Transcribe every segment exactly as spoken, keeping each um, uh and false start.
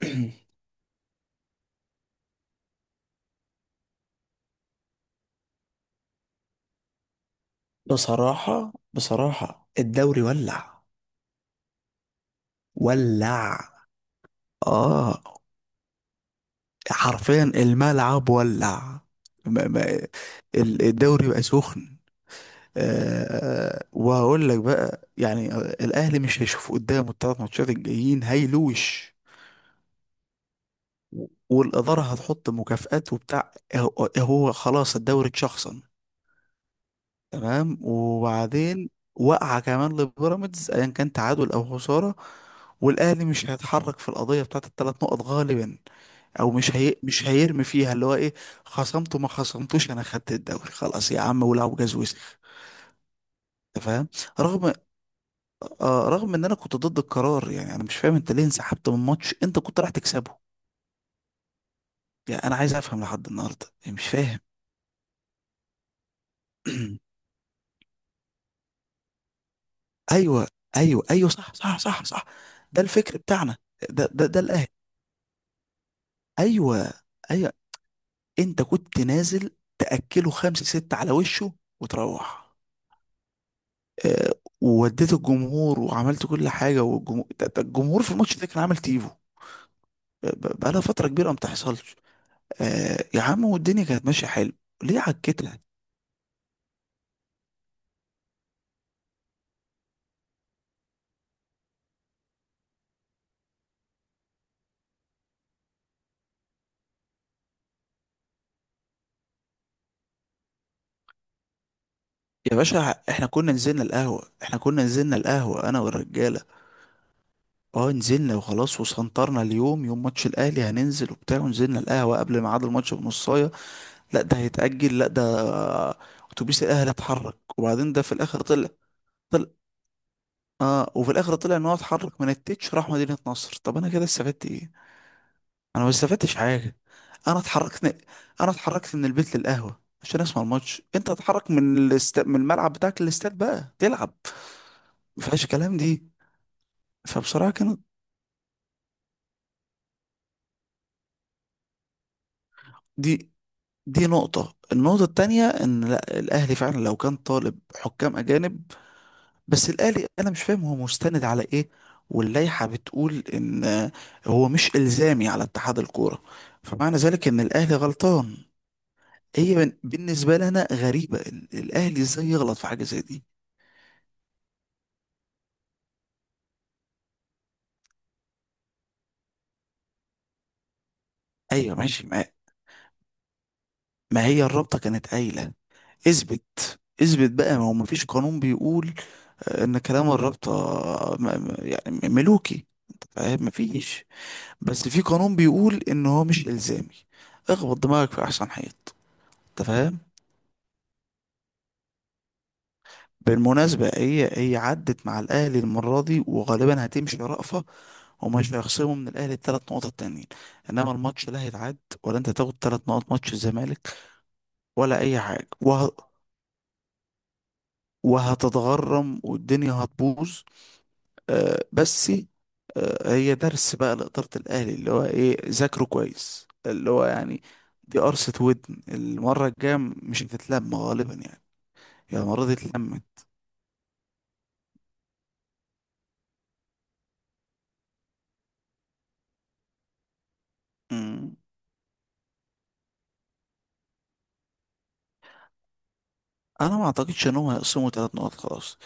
بصراحة بصراحة الدوري ولع ولع، اه حرفيا الملعب ولع. ما- ما- ال- الدوري بقى سخن. آه وهقول لك بقى يعني الأهلي مش هيشوف قدامه الثلاث ماتشات الجايين، هيلوش، والإدارة هتحط مكافآت وبتاع. هو هو خلاص الدوري اتشخصن، تمام؟ وبعدين وقع كمان لبيراميدز، ايا كان تعادل او خساره، والاهلي مش هيتحرك في القضيه بتاعت الثلاث نقط غالبا، او مش هي مش هيرمي فيها، اللي هو ايه، خصمته ما خصمتوش، انا خدت الدوري خلاص يا عم، ولعوا جاز وسخ، انت فاهم؟ رغم، آه رغم ان انا كنت ضد القرار. يعني انا مش فاهم انت ليه انسحبت من ماتش انت كنت رايح تكسبه؟ يعني انا عايز افهم لحد النهارده، يعني مش فاهم. ايوه. ايوه، ايوه، صح، صح، صح، صح. ده الفكر بتاعنا، ده ده ده الاهلي. ايوه، ايوه، انت كنت نازل تاكله خمسه سته على وشه وتروح. آه، ووديت الجمهور وعملت كل حاجه، والجمهور ده- ده الجمهور في الماتش ده كان عامل تيفو. آه، ب- بقالها فتره كبيره ما بتحصلش. آه، يا عم، والدنيا كانت ماشيه حلو، ليه عكتنا؟ يا باشا احنا كنا نزلنا القهوه، احنا كنا نزلنا القهوه انا والرجاله. اه، نزلنا وخلاص وسنطرنا، اليوم يوم ماتش الاهلي هننزل وبتاع، ونزلنا القهوه قبل ميعاد الماتش بنص. لا ده هيتأجل، لا ده اتوبيس الاهلي اتحرك. وبعدين ده في الاخر طلع، طلع، اه، وفي الاخر طلع ان هو اتحرك من التتش راح مدينة نصر. طب انا كده استفدت ايه؟ انا ما استفدتش حاجة. انا اتحركت، انا اتحركت من البيت للقهوة عشان اسمع الماتش. انت اتحرك من الاست... من الملعب بتاعك للاستاد بقى تلعب، ما فيهاش كلام دي. فبصراحة كانت، دي دي نقطة، النقطة التانية ان لا الاهلي فعلا لو كان طالب حكام اجانب. بس الآلي أنا مش فاهم هو مستند على إيه؟ واللائحة بتقول إن آه، هو مش إلزامي على اتحاد الكورة، فمعنى ذلك إن الأهلي غلطان. هي بن- بالنسبة لنا غريبة إن الأهلي إزاي يغلط في حاجة زي دي. أيوة، ماشي. ما, ما هي الرابطة كانت قايلة، اثبت، اثبت بقى. ما هو مفيش قانون بيقول آه، إن كلام الرابطة آه، م- م- يعني ملوكي، فاهم؟ مفيش، بس في قانون بيقول إن هو مش إلزامي، اخبط دماغك في أحسن حيط. أنت فاهم؟ بالمناسبة هي هي عدت مع الأهلي المرة دي، وغالبا هتمشي رأفة، ومش هيخصموا من الأهلي التلات نقط التانيين، إنما الماتش لا هيتعد ولا أنت تاخد تلات نقط ماتش الزمالك ولا أي حاجة، وه... وهتتغرم والدنيا هتبوظ، آه. بس آه، هي درس بقى لإدارة الأهلي، اللي هو إيه، ذاكره كويس، اللي هو يعني دي قرصة ودن، المرة الجاية مش هتتلم غالبا يعني، هي المرة دي اتلمت. انا ما اعتقدش ان هم هيقسموا ثلاث نقط خلاص.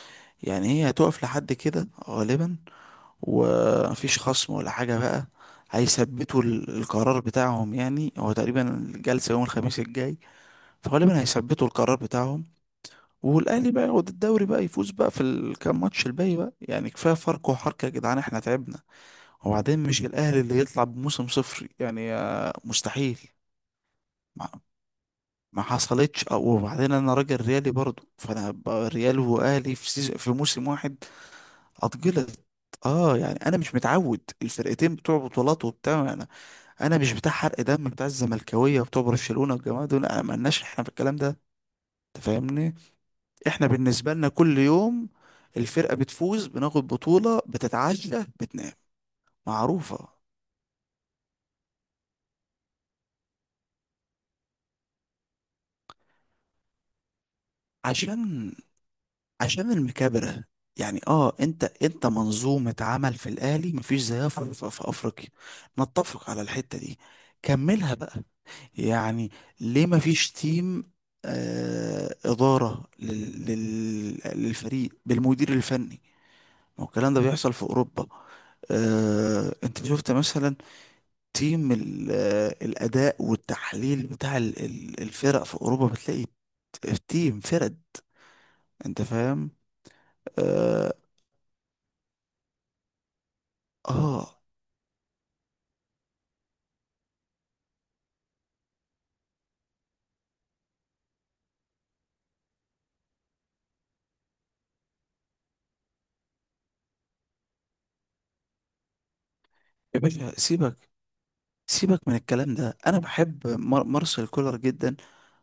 يعني هي هتقف لحد كده غالبا، ومفيش خصم ولا حاجة بقى. هيثبتوا ال- القرار بتاعهم. يعني هو تقريبا الجلسة يوم الخميس الجاي، فغالبا هيثبتوا القرار بتاعهم، والاهلي بقى ياخد الدوري بقى، يفوز بقى في الكام ماتش الباقي بقى. يعني كفايه فرق وحركه يا جدعان، احنا تعبنا. وبعدين مش الاهلي اللي يطلع بموسم صفري، يعني آه، مستحيل، ما حصلتش. أو- وبعدين انا راجل ريالي برضو، فانا ب- ريال واهلي في سيز... في موسم واحد، اتجلط. اه، يعني انا مش متعود الفرقتين بتوع بطولات وبتاع. انا انا مش بتاع حرق دم بتاع الزملكاويه وبتوع برشلونه والجماعه دول، انا مالناش احنا في الكلام ده، انت فاهمني؟ احنا بالنسبه لنا كل يوم الفرقه بتفوز، بناخد بطوله، بتتعشى، بتنام، معروفه. عشان، عشان المكابرة. يعني اه، انت انت منظومة عمل في الاهلي مفيش زيها في, في, في افريقيا، نتفق على الحتة دي. كملها بقى، يعني ليه مفيش تيم آه ادارة لل لل للفريق بالمدير الفني؟ ما هو الكلام ده بيحصل في اوروبا. آه، انت شفت مثلا تيم ال- آه، الاداء والتحليل بتاع ال- ال- الفرق في اوروبا، بتلاقي ت- تيم فرق، انت فاهم؟ آه, اه يا باشا سيبك، سيبك من الكلام ده. انا بحب مار- مارسيل كولر جدا،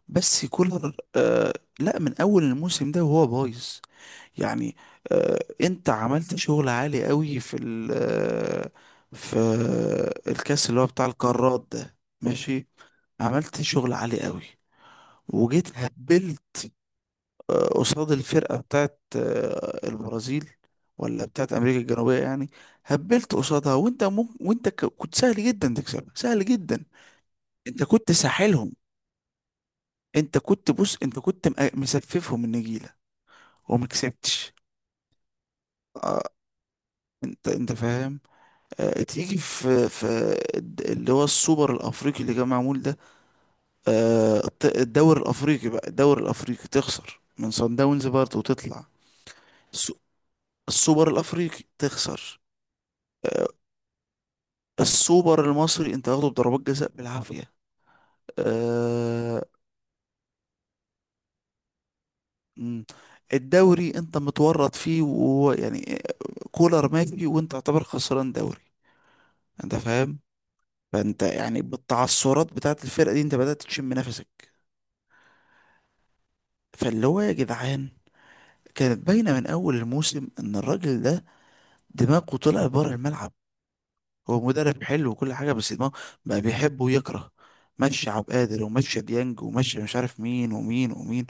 بس كولر آه، لا، من اول الموسم ده وهو بايظ، يعني. آه، انت عملت شغل عالي قوي في ال آه، في الكاس اللي هو بتاع القارات ده، ماشي، عملت شغل عالي قوي. وجيت هبلت آه، قصاد الفرقة بتاعت آه، البرازيل، ولا بتاعت أمريكا الجنوبية يعني. هبلت قصادها، وأنت ممكن، وأنت ك- كنت سهل جدا تكسبها، سهل جدا. أنت كنت ساحلهم، أنت كنت بص، أنت كنت م- مسففهم النجيلة وما كسبتش، آه. أنت أنت فاهم؟ آه، تيجي في في الد- اللي هو السوبر الأفريقي اللي كان معمول ده، آه، الت- الدوري الأفريقي بقى، الدوري الأفريقي تخسر من صن داونز برضه وتطلع. السو- السوبر الأفريقي تخسر. السوبر المصري انت واخده بضربات جزاء بالعافية. آه. مم. الدوري انت متورط فيه ويعني كولر ماشي وانت تعتبر خسران دوري، انت فاهم؟ فانت يعني بالتعثرات بتاعت الفرقة دي انت بدأت تشم نفسك. فاللي هو يا جدعان، كانت باينة من اول الموسم ان الراجل ده دماغه طلع بره الملعب، هو مدرب حلو وكل حاجة، بس دماغه بقى بيحب ويكره. مشي عبد القادر، ومشي ديانج، ومشي مش عارف مين ومين ومين.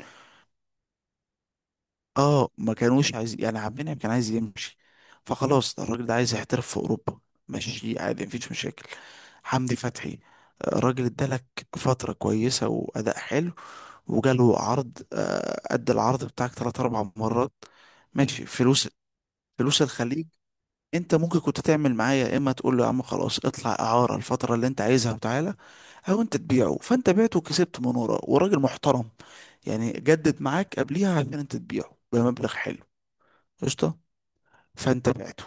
اه، ما كانوش عايزين يعني، عبد المنعم كان عايز يمشي، فخلاص ده الراجل ده عايز يحترف في اوروبا، ماشي عادي، مفيش مشاكل. حمدي فتحي، الراجل ادالك فترة كويسة وأداء حلو، وجاله عرض، آه، أدى العرض بتاعك تلات أربع مرات، ماشي، فلوس، فلوس الخليج. أنت ممكن كنت تعمل معايا يا إما تقول له يا عم خلاص اطلع إعارة الفترة اللي أنت عايزها وتعالى، أو أنت تبيعه، فأنت بعته وكسبت من وراه، وراجل محترم يعني جدد معاك قبليها عشان أنت تبيعه بمبلغ حلو، قشطه. فانت بعته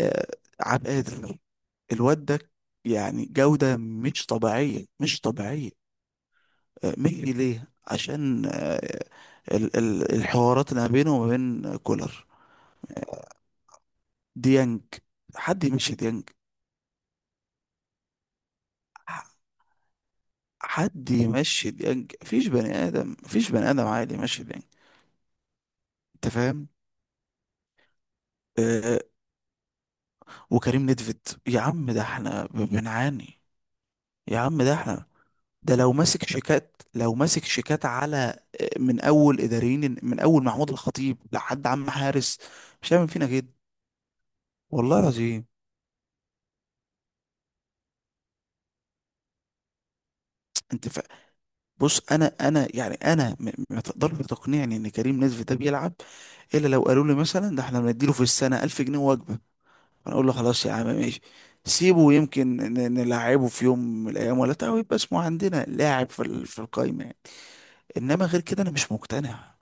آه، عبد القادر، الواد ده يعني جودة مش طبيعية، مش طبيعية. آه، مشي ليه؟ عشان آه، ال- ال- الحوارات اللي ما بينه وما بين كولر. ديانج، حد يمشي ديانج؟ ح- حد يمشي ديانج؟ مفيش بني آدم، مفيش بني آدم عادي يمشي ديانج. أنت فاهم؟ آه، وكريم نيدفيد يا عم، ده احنا ب- بنعاني. يا عم ده احنا، ده لو ماسك شيكات، لو ماسك شيكات على آه، من اول اداريين، من اول محمود الخطيب لحد عم حارس، مش هيعمل فينا كده، والله العظيم. انت ف... بص، انا انا يعني انا م- ما تقدرش تقنعني ان كريم نزف ده بيلعب، الا لو قالوا لي مثلا ده احنا بنديله في السنه ألف جنيه وجبه. انا اقول له خلاص يا عم ماشي، سيبه، يمكن ن- نلعبه في يوم من الايام ولا بتاع، ويبقى اسمه عندنا لاعب في ال- في القايمه يعني. انما غير كده انا مش مقتنع.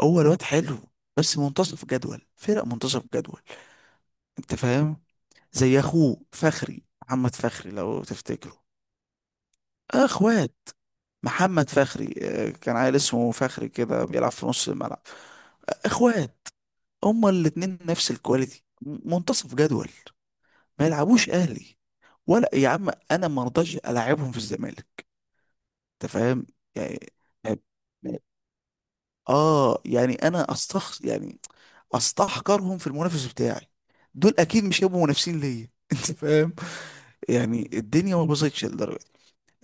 هو الواد حلو، بس منتصف جدول، فرق منتصف جدول، انت فاهم؟ زي اخوه فخري، محمد فخري، لو تفتكره. آه، اخوات. محمد فخري آه، كان عيل اسمه فخري كده بيلعب في نص الملعب. آه، اخوات، هما الاتنين نفس الكواليتي، م- منتصف جدول، ما يلعبوش اهلي، ولا يا عم انا ما رضاش العبهم في الزمالك، انت فاهم؟ يعني يعني- اه يعني انا استخسر يعني، استحقرهم في المنافس بتاعي، دول اكيد مش هيبقوا منافسين ليا انت فاهم؟ يعني الدنيا ما باظتش للدرجه دي.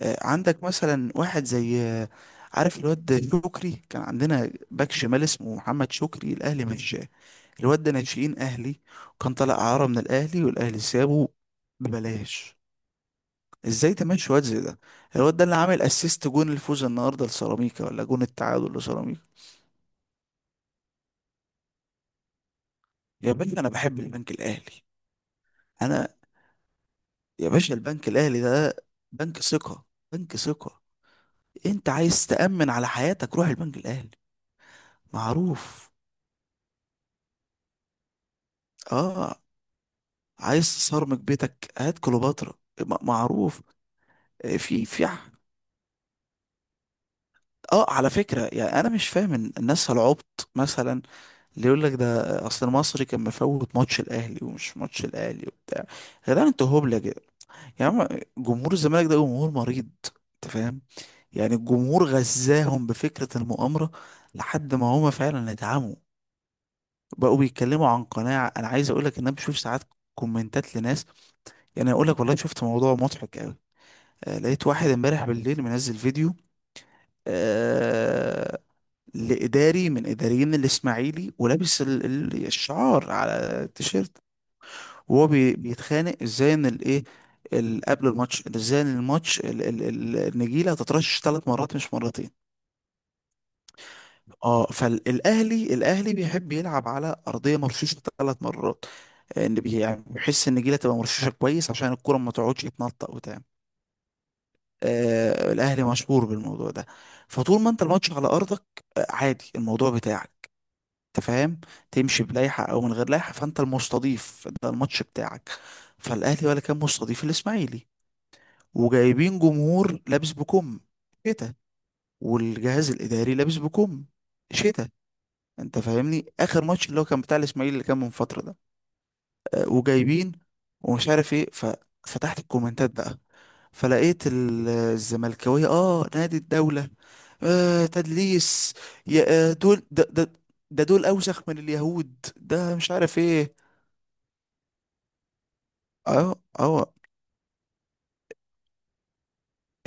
آه، عندك مثلا واحد زي آه، عارف الواد شكري، كان عندنا باك شمال اسمه محمد شكري، الاهلي مش جاه. الواد ده ناشئين اهلي، وكان طالع اعاره من الاهلي والاهلي سابه ببلاش. ازاي تمشي واد زي ده؟ الواد ده اللي عامل اسيست جون الفوز النهارده لسيراميكا، ولا جون التعادل لسيراميكا. يا باشا انا بحب البنك الاهلي. انا، يا باشا، البنك الاهلي ده بنك ثقة، بنك ثقة. انت عايز تأمن على حياتك روح البنك الاهلي، معروف. اه، عايز تصرمك بيتك هات كليوباترا، م- معروف. آه، في في ح- اه على فكرة، يعني انا مش فاهم إن الناس العبط مثلا اللي يقول لك ده اصل المصري كان مفوت ماتش الاهلي، ومش ماتش الاهلي وبتاع. يا جدعان انتوا هبلة كده! يا عم جمهور الزمالك ده جمهور مريض، انت فاهم؟ يعني الجمهور غزاهم بفكرة المؤامرة لحد ما هما فعلا اتعموا، بقوا بيتكلموا عن قناعة. أنا عايز أقولك إن أنا بشوف ساعات كومنتات لناس، يعني أقولك والله شفت موضوع مضحك أوي. آه، لقيت واحد امبارح بالليل منزل فيديو، آه، لإداري من إداريين الإسماعيلي، ولابس ال- ال- الشعار على التيشيرت، وهو بي- بيتخانق إزاي إن الإيه، ال- قبل الماتش، إن ازاي إن الماتش ال- ال- ال- النجيله هتترشش ثلاث مرات مش مرتين. اه، فالاهلي الاهلي بيحب يلعب على ارضيه مرشوشه ثلاث مرات. آه، ان بي- يعني بيحس ان الجيله تبقى مرشوشه كويس عشان الكره ما تقعدش تنطق وتعمل. آه، الاهلي مشهور بالموضوع ده. فطول ما انت الماتش على ارضك آه، عادي الموضوع بتاعك، انت فاهم، تمشي بلائحه او من غير لائحه، فانت المستضيف، ده الماتش بتاعك. فالاهلي ولا كان مستضيف الاسماعيلي، وجايبين جمهور لابس بكم شتا، والجهاز الاداري لابس بكم شتا. انت فاهمني؟ اخر ماتش اللي هو كان بتاع الاسماعيلي اللي كان من فتره ده، آه، وجايبين ومش عارف ايه. ففتحت الكومنتات بقى، فلقيت ال- الزملكاويه، اه، نادي الدوله، آه، تدليس، يا آه، دول ده, ده, ده دول اوسخ من اليهود، ده مش عارف ايه. اه اه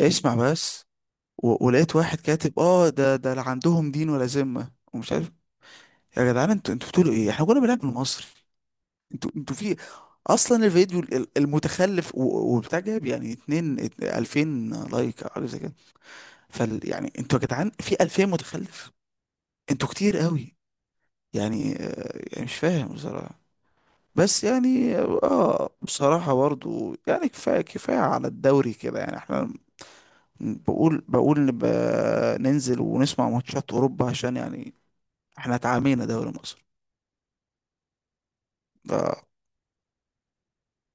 اسمع بس. و- ولقيت واحد كاتب اه ده ده لا عندهم دين ولا ذمه ومش عارف. يا جدعان، انتوا انتوا بتقولوا ايه؟ احنا كنا بنلعب المصري، انتوا انتوا في. اصلا الفيديو ال- المتخلف و- وبتاع جاب يعني اتنين ات- ألفين لايك او حاجه زي كده. فال يعني انتوا يا جدعان في ألفين متخلف، انتوا كتير قوي. يعني آه، يعني مش فاهم بصراحه. بس يعني اه، بصراحه برضو، يعني كفايه كفايه على الدوري كده، يعني احنا بقول بقول نبقى ننزل ونسمع ماتشات اوروبا عشان يعني احنا اتعامينا دوري مصر ده.